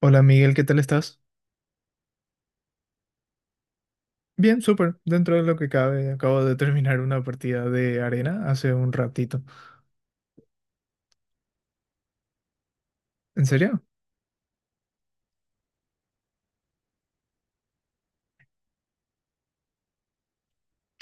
Hola Miguel, ¿qué tal estás? Bien, súper. Dentro de lo que cabe, acabo de terminar una partida de arena hace un ratito. ¿En serio?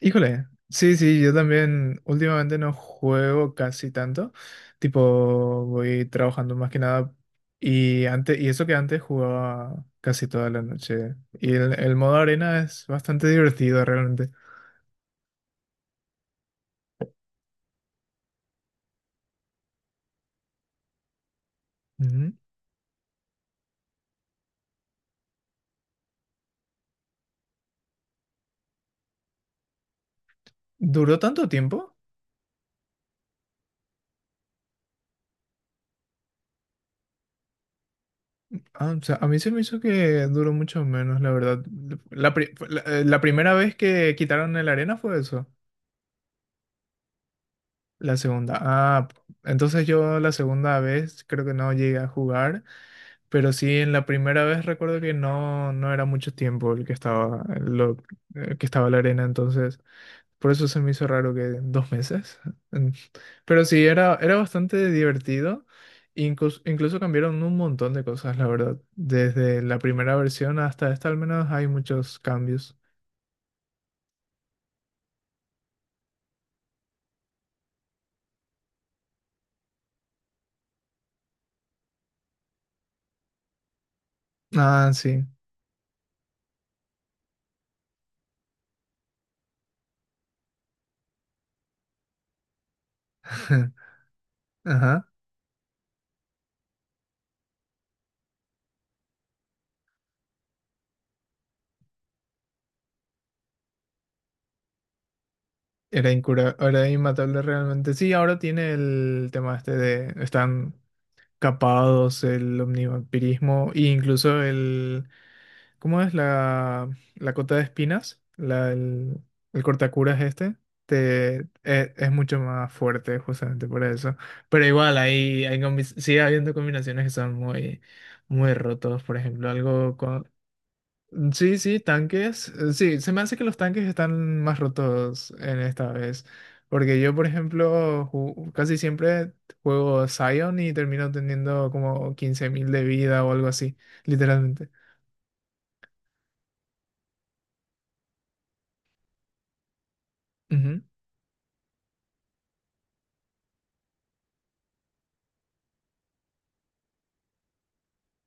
Híjole. Sí, sí, yo también últimamente no juego casi tanto. Tipo, voy trabajando más que nada. Y antes, y eso que antes jugaba casi toda la noche. Y el modo arena es bastante divertido realmente. Ujú. ¿Duró tanto tiempo? Ah, o sea, a mí se me hizo que duró mucho menos, la verdad. La primera vez que quitaron el arena fue eso. La segunda. Ah, entonces yo la segunda vez creo que no llegué a jugar, pero sí en la primera vez recuerdo que no, no era mucho tiempo el que estaba, que estaba la arena, entonces. Por eso se me hizo raro que dos meses. En. Pero sí, era bastante divertido. Incluso cambiaron un montón de cosas, la verdad. Desde la primera versión hasta esta, al menos hay muchos cambios. Ah, sí. Ajá. Era incura, era inmatable realmente. Sí, ahora tiene el tema este de están capados, el omnivampirismo e incluso el. ¿Cómo es la cota de espinas? El cortacuras este. Te, es mucho más fuerte justamente por eso. Pero igual, sigue habiendo combinaciones que son muy rotos. Por ejemplo, algo con... Sí, sí, tanques. Sí, se me hace que los tanques están más rotos en esta vez. Porque yo, por ejemplo, casi siempre juego Sion y termino teniendo como 15.000 de vida o algo así, literalmente.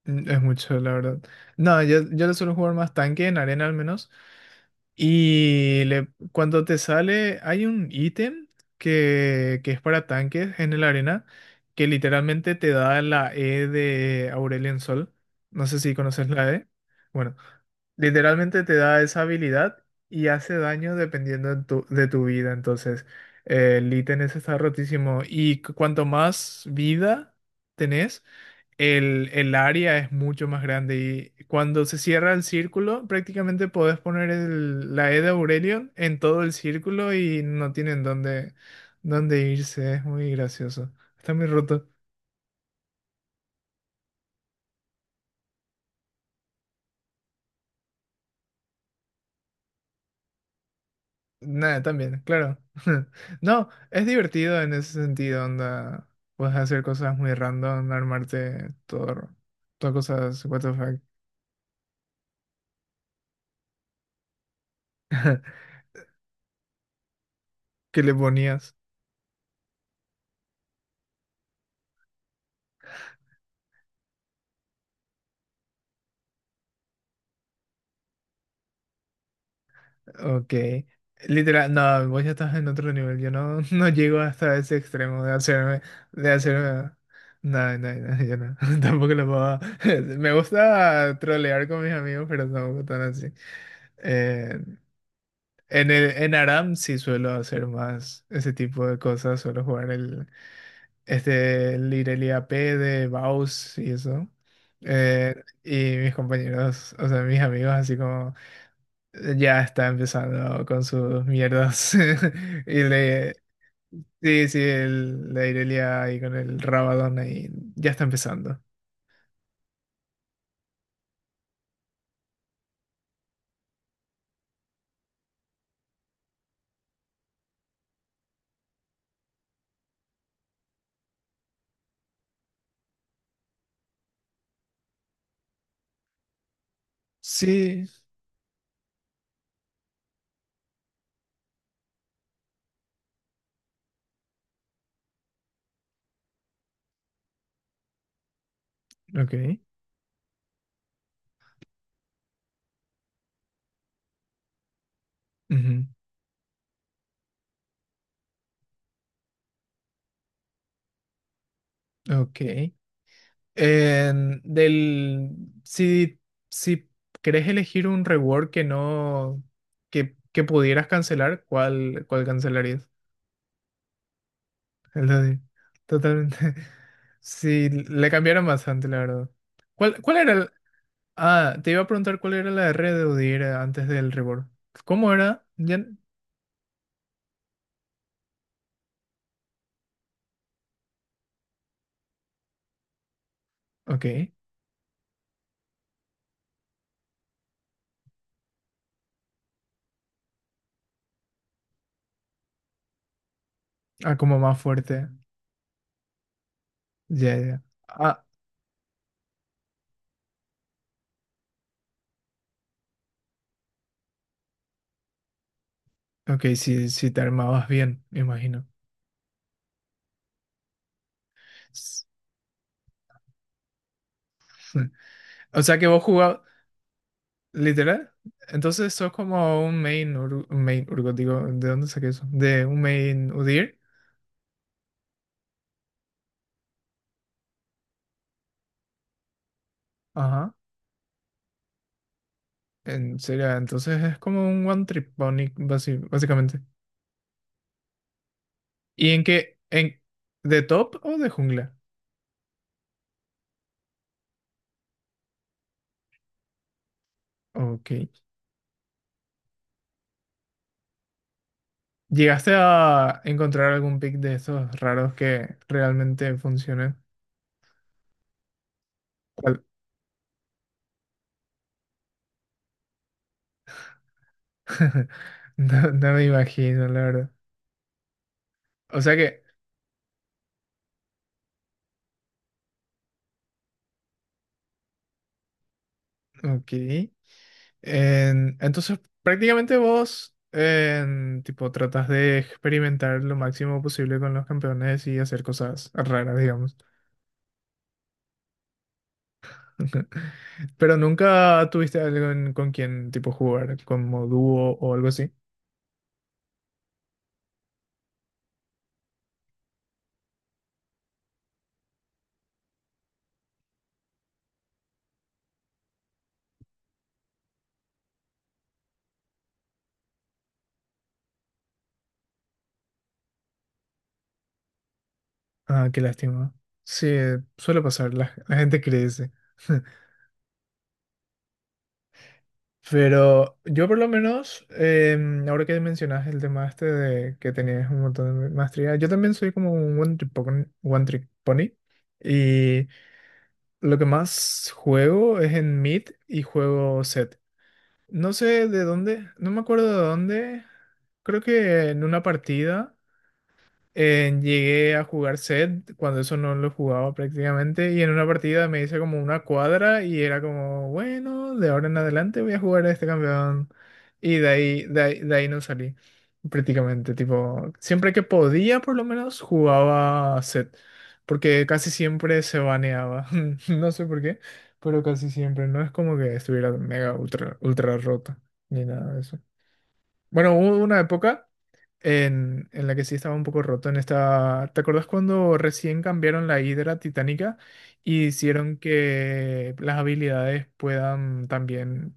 Es mucho, la verdad. No, yo lo suelo jugar más tanque, en arena al menos. Y le, cuando te sale, hay un ítem que es para tanques en el arena, que literalmente te da la E de Aurelion Sol. No sé si conoces la E. Bueno, literalmente te da esa habilidad y hace daño dependiendo de de tu vida. Entonces, el ítem ese está rotísimo. Y cuanto más vida tenés, el área es mucho más grande y cuando se cierra el círculo, prácticamente podés poner la E de Aurelion en todo el círculo y no tienen dónde irse. Es muy gracioso. Está muy roto. Nada, también, claro. No, es divertido en ese sentido, onda. Puedes hacer cosas muy random, armarte todas cosas, what the fuck, que le ponías. Ok. Literal, no, vos ya estás en otro nivel. Yo no, no llego hasta ese extremo de de hacerme. No, no, no, yo no. Tampoco lo puedo. Me gusta trolear con mis amigos, pero tampoco tan así. Eh, en en Aram sí suelo hacer más ese tipo de cosas. Suelo jugar el Irelia AP de Baus y eso. Eh, y mis compañeros, o sea, mis amigos, así como. Ya está empezando con sus mierdas. Y le. Sí, sí, el, la Irelia ahí con el Rabadón ahí. Ya está empezando. Sí, ok. ujú. Ok. En- del. Si, si querés elegir un reward que no, que pudieras cancelar, ¿cuál cancelarías? El de. Totalmente. Sí, le cambiaron bastante, la verdad. ¿Cuál era? el-. Ah, te iba a preguntar cuál era la R de Udyr antes del reborn. ¿Cómo era? Ya... Ok. Ah, como más fuerte. Ya, ya. Ah, ok, si te armabas bien, me imagino. S-. O sea que vos jugabas. ¿Literal? Entonces sos como un main Urgot, digo, ¿de dónde saqué eso? De un main Udyr. Ajá. En serio, entonces es como un one trip pony, básicamente. ¿Y en qué? ¿En de top o de jungla? Ok. ¿Llegaste a encontrar algún pick de esos raros que realmente funcionen? ¿Cuál? No, no me imagino, la verdad. O sea que, ok. Entonces, prácticamente vos, en, tipo, tratas de experimentar lo máximo posible con los campeones y hacer cosas raras, digamos. Pero nunca tuviste algo con quien, tipo, jugar, como dúo o algo así. Ah, qué lástima. Sí, suele pasar, la gente crece. Pero yo por lo menos, ahora que mencionas el tema este de que tenías un montón de maestría, yo también soy como un one trick pony, y lo que más juego es en mid y juego set. No sé de dónde, no me acuerdo de dónde, creo que en una partida. Llegué a jugar set cuando eso no lo jugaba prácticamente y en una partida me hice como una cuadra y era como, bueno, de ahora en adelante voy a jugar a este campeón y de ahí no salí prácticamente, tipo, siempre que podía por lo menos jugaba set porque casi siempre se baneaba, no sé por qué, pero casi siempre, no es como que estuviera mega ultra, ultra rota ni nada de eso. Bueno, hubo una época en la que sí estaba un poco roto en esta... ¿Te acordás cuando recién cambiaron la Hidra titánica y hicieron que las habilidades puedan también,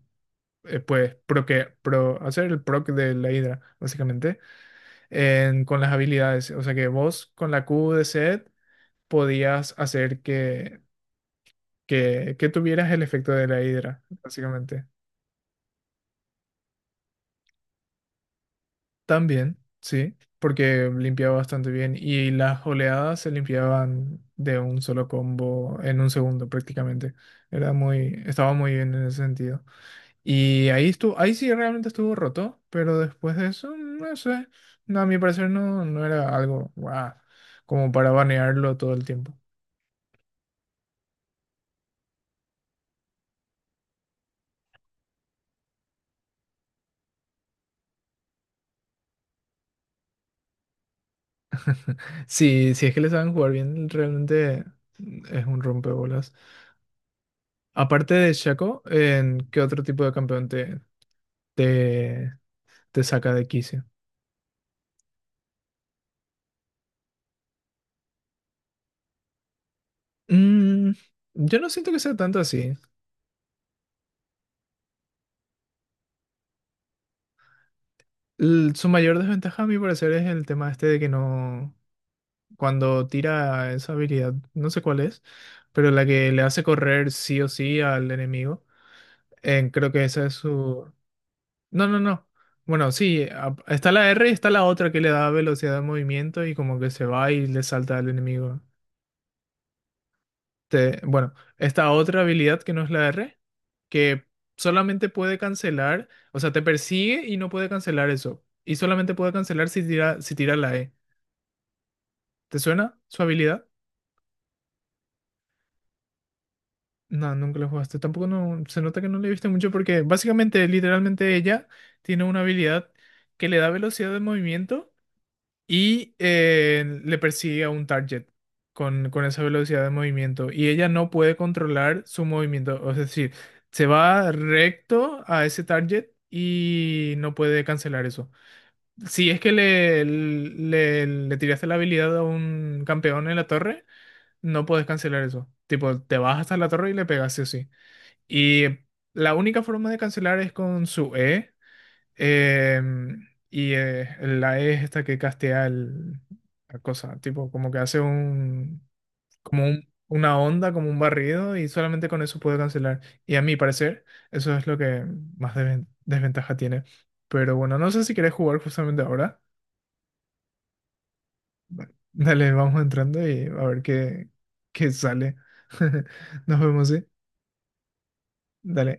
hacer el proc de la Hidra, básicamente, con las habilidades? O sea que vos con la Q de Set podías hacer que tuvieras el efecto de la Hidra, básicamente. También, sí, porque limpiaba bastante bien y las oleadas se limpiaban de un solo combo en un segundo prácticamente. Estaba muy bien en ese sentido. Y ahí estuvo, ahí sí realmente estuvo roto, pero después de eso, no sé, no, a mi parecer no, no era algo guau, como para banearlo todo el tiempo. Sí, si es que le saben jugar bien, realmente es un rompebolas. Aparte de Shaco, ¿en qué otro tipo de campeón te, te saca de quicio? Mm, yo no siento que sea tanto así. L- su mayor desventaja, a mi parecer, es el tema este de que no. Cuando tira esa habilidad, no sé cuál es, pero la que le hace correr sí o sí al enemigo. Creo que esa es su. No, no, no. Bueno, sí, a- está la R y está la otra que le da velocidad de movimiento y como que se va y le salta al enemigo. Bueno, esta otra habilidad que no es la R, que solamente puede cancelar, o sea, te persigue y no puede cancelar eso. Y solamente puede cancelar si tira la E. ¿Te suena su habilidad? No, nunca la jugaste. Tampoco no, se nota que no le viste mucho porque básicamente, literalmente ella tiene una habilidad que le da velocidad de movimiento y le persigue a un target con esa velocidad de movimiento y ella no puede controlar su movimiento, es decir, se va recto a ese target y no puede cancelar eso. Si es que le tiraste la habilidad a un campeón en la torre, no puedes cancelar eso. Tipo, te vas hasta la torre y le pegas sí o sí. Y la única forma de cancelar es con su E. Eh, la E es esta que castea la cosa, tipo, como que hace una onda, como un barrido, y solamente con eso puede cancelar. Y a mi parecer, eso es lo que más desventaja tiene. Pero bueno, no sé si querés jugar justamente ahora. Dale, vamos entrando y a ver qué sale. Nos vemos, ¿sí? Dale.